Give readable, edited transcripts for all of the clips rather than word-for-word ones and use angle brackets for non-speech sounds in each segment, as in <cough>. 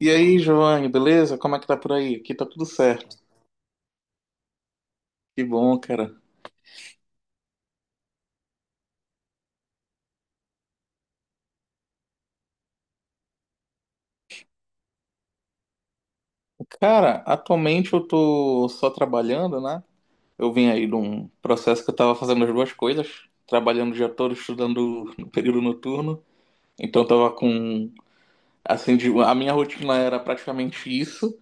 E aí, Giovanni, beleza? Como é que tá por aí? Aqui tá tudo certo. Que bom, cara. Cara, atualmente eu tô só trabalhando, né? Eu vim aí de um processo que eu tava fazendo as duas coisas, trabalhando o dia todo, estudando no período noturno. Então eu tava com, assim, a minha rotina era praticamente isso.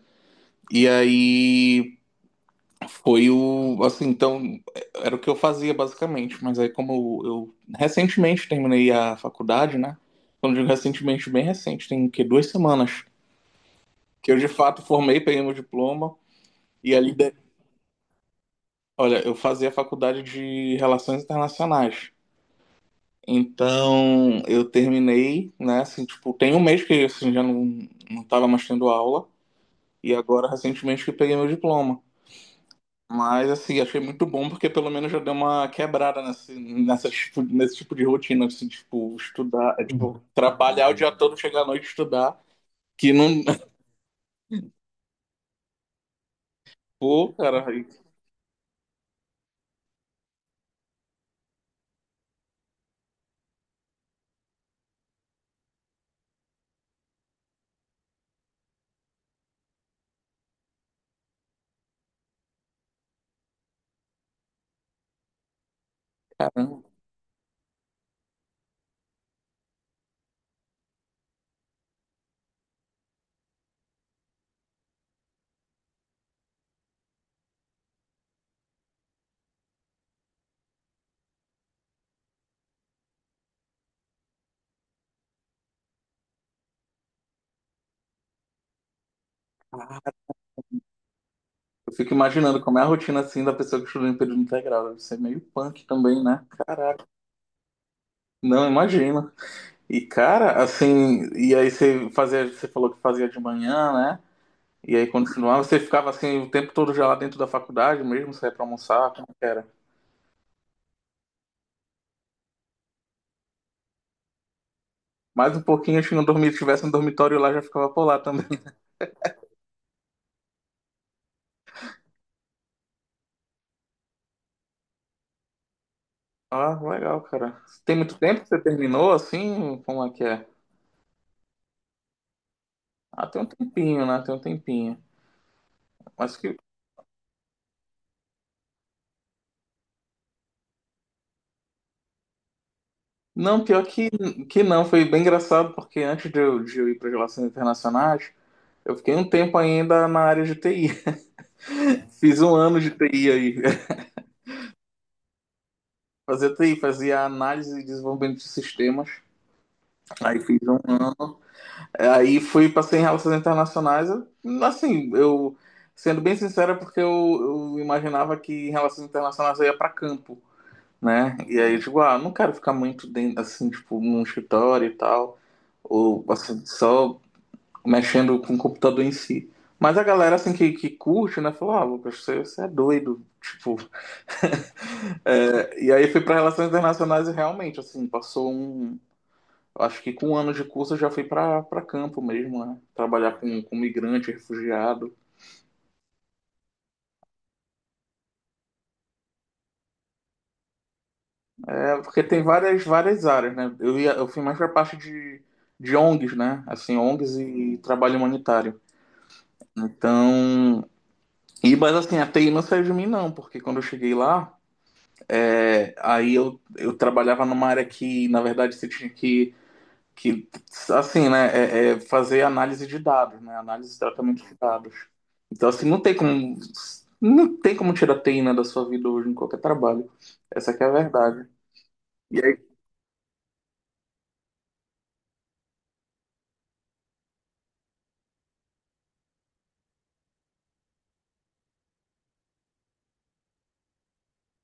E aí, Foi o, assim, então, era o que eu fazia basicamente, mas aí como eu recentemente terminei a faculdade, né? Quando eu digo recentemente, bem recente, tem o quê? Duas semanas que eu de fato formei, peguei meu diploma e olha, eu fazia a faculdade de Relações Internacionais. Então, eu terminei, né, assim, tipo, tem um mês que assim já não tava mais tendo aula e agora recentemente que peguei meu diploma. Mas assim, achei muito bom porque pelo menos já deu uma quebrada nesse, nesse tipo de rotina, assim, tipo, estudar, tipo, trabalhar o dia todo, chegar à noite e estudar, que não. <laughs> Pô, cara, aí, caramba, eu fico imaginando como é a rotina assim da pessoa que estuda em período integral. Deve ser meio punk também, né? Caraca, não imagino. E cara, assim, e aí você falou que fazia de manhã, né? E aí quando continuava, você ficava assim o tempo todo já lá dentro da faculdade mesmo, saía pra almoçar, como é que era? Mais um pouquinho, acho que não dormi, se tivesse um dormitório lá, já ficava por lá também. <laughs> Ah, legal, cara. Tem muito tempo que você terminou assim? Como é que é? Ah, tem um tempinho, né? Tem um tempinho. Mas que. Não, pior que não. Foi bem engraçado, porque antes de eu ir para Relações Internacionais, eu fiquei um tempo ainda na área de TI. <laughs> Fiz um ano de TI aí. <laughs> Fazia TI, fazia análise e desenvolvimento de sistemas. Aí fiz um ano. Aí fui, passei em relações internacionais. Assim, sendo bem sincero, é porque eu imaginava que em relações internacionais eu ia para campo, né? E aí, tipo, ah, não quero ficar muito dentro, assim, tipo, num escritório e tal, ou assim, só mexendo com o computador em si. Mas a galera, assim, que curte, né, falou, ah, Lucas, você é doido, tipo. <laughs> E aí fui para relações internacionais e realmente, assim, passou um eu acho que com um ano de curso eu já fui para campo mesmo, né? Trabalhar com, refugiado. É, porque tem várias, várias áreas, né? Eu fui mais para parte de, né? Assim, ONGs e trabalho humanitário. Então, e mas assim, a TI não saiu de mim não, porque quando eu cheguei lá, aí eu trabalhava numa área que, na verdade, você tinha que assim, né, é fazer análise de dados, né, análise e tratamento de dados. Então, assim, não tem como, não tem como tirar teína da sua vida hoje em qualquer trabalho. Essa que é a verdade. E aí,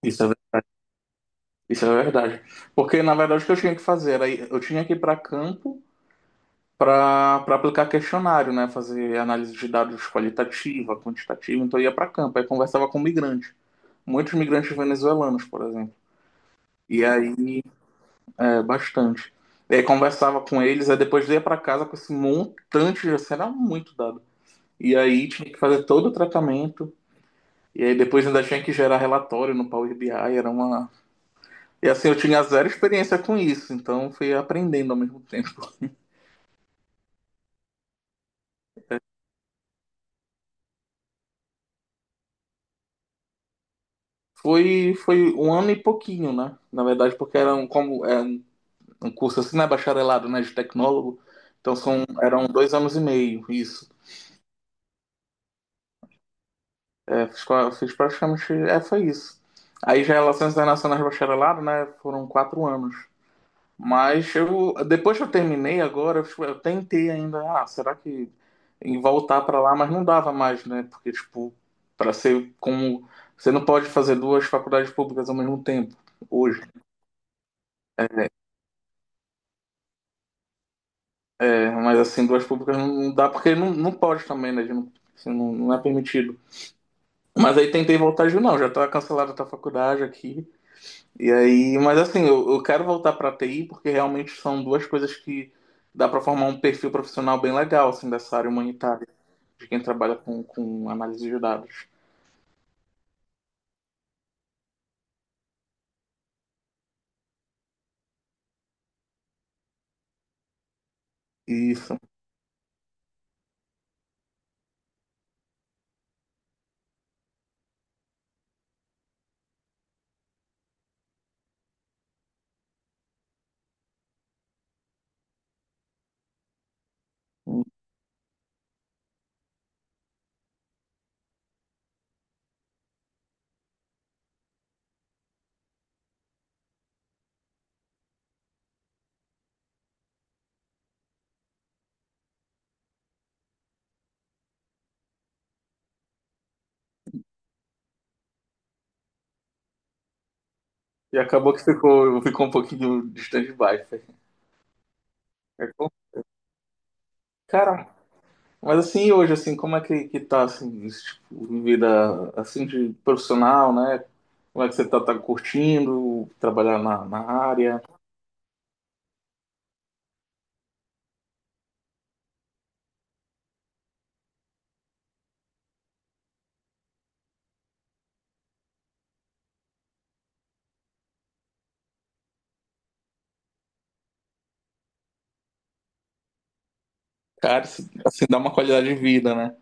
isso é verdade. Isso é verdade. Porque, na verdade, o que eu tinha que fazer era, eu tinha que ir para campo para aplicar questionário, né, fazer análise de dados qualitativa, quantitativa, então eu ia para campo, aí conversava com migrante muitos migrantes venezuelanos, por exemplo. E aí é, bastante. E aí conversava com eles, aí depois ia pra casa com esse montante de assim, era muito dado. E aí tinha que fazer todo o tratamento, e aí depois ainda tinha que gerar relatório no Power BI, era uma. E assim, eu tinha zero experiência com isso, então fui aprendendo ao mesmo tempo. Foi um ano e pouquinho, né? Na verdade, porque é um curso assim, né? Bacharelado, né? De tecnólogo. Então eram dois anos e meio, isso. É, fiz praticamente. É, foi isso. Aí já Relações Internacionais Bacharelado, né? Foram quatro anos. Mas eu, depois que eu terminei agora, eu tentei ainda, ah, será que em voltar para lá, mas não dava mais, né? Porque, tipo, para ser como. Você não pode fazer duas faculdades públicas ao mesmo tempo, hoje. É, é, mas assim, duas públicas não dá, porque não pode também, né? a gente Não, assim, não é permitido. Mas aí tentei voltar e digo, não, já tá cancelada a tua faculdade aqui. E aí, mas assim, eu quero voltar para TI porque realmente são duas coisas que dá para formar um perfil profissional bem legal, assim, dessa área humanitária, de quem trabalha com, análise de dados. Isso. E acabou que ficou um pouquinho distante de baixo. Cara, mas assim, e hoje, assim, como é que tá, assim, esse tipo, de vida, assim, de profissional, né? Como é que você tá curtindo trabalhar na área? Cara, isso, assim, dá uma qualidade de vida, né?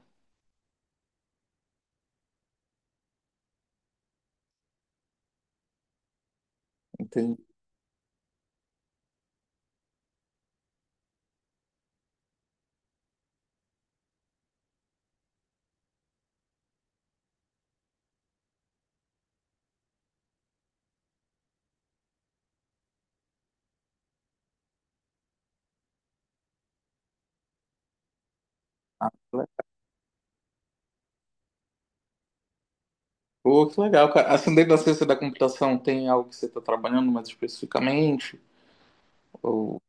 Entendi. Pô, que legal, cara. Assim, dentro da ciência da computação tem algo que você está trabalhando mais especificamente? Ou...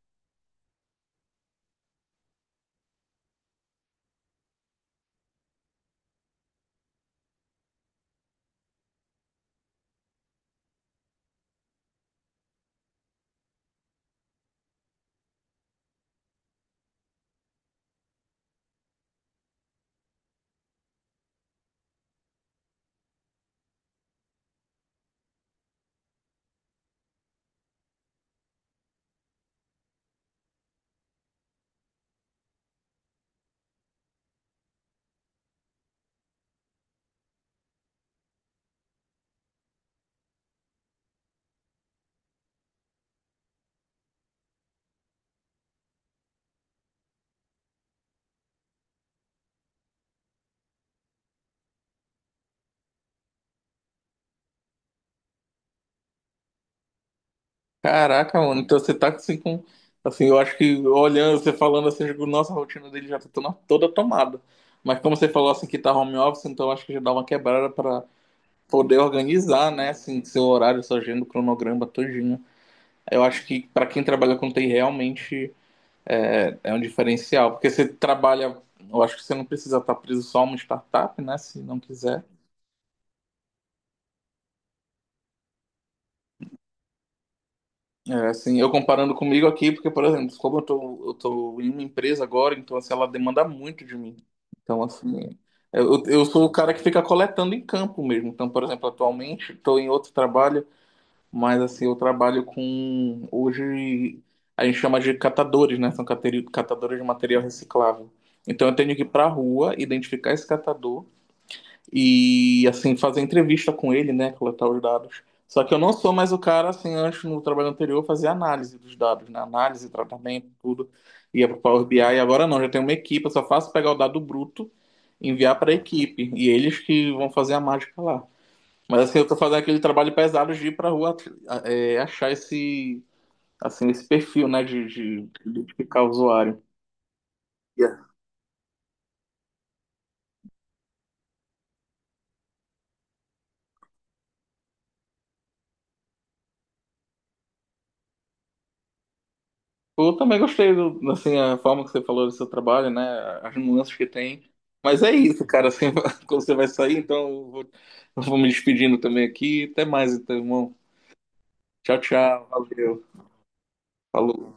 Caraca, mano, então você tá assim com. Assim, eu acho que olhando, você falando assim, eu digo, nossa, a rotina dele já tá toda toda tomada. Mas como você falou assim que tá home office, então eu acho que já dá uma quebrada para poder organizar, né? Assim, seu horário, sua agenda, o cronograma todinho. Eu acho que para quem trabalha com TI realmente é um diferencial. Porque você trabalha, eu acho que você não precisa estar preso só a uma startup, né? Se não quiser. É, assim, eu comparando comigo aqui, porque, por exemplo, como eu tô em uma empresa agora, então, assim, ela demanda muito de mim. Então, assim, eu sou o cara que fica coletando em campo mesmo. Então, por exemplo, atualmente estou em outro trabalho, mas, assim, eu trabalho com, hoje, a gente chama de catadores, né? São catadores de material reciclável. Então, eu tenho que ir pra rua, identificar esse catador, e assim fazer entrevista com ele, né, coletar os dados. Só que eu não sou mais o cara assim antes no trabalho anterior fazer análise dos dados, né, análise, tratamento, tudo, ia para o Power BI. E agora não, já tenho uma equipe, eu só faço pegar o dado bruto, enviar para a equipe e eles que vão fazer a mágica lá. Mas assim eu tô fazendo aquele trabalho pesado de ir para rua achar esse perfil, né, de identificar o usuário. Eu também gostei do, assim, a forma que você falou do seu trabalho, né? As nuances que tem. Mas é isso, cara. Assim, <laughs> quando você vai sair, então eu vou me despedindo também aqui. Até mais, então, irmão. Tchau, tchau. Valeu. Falou.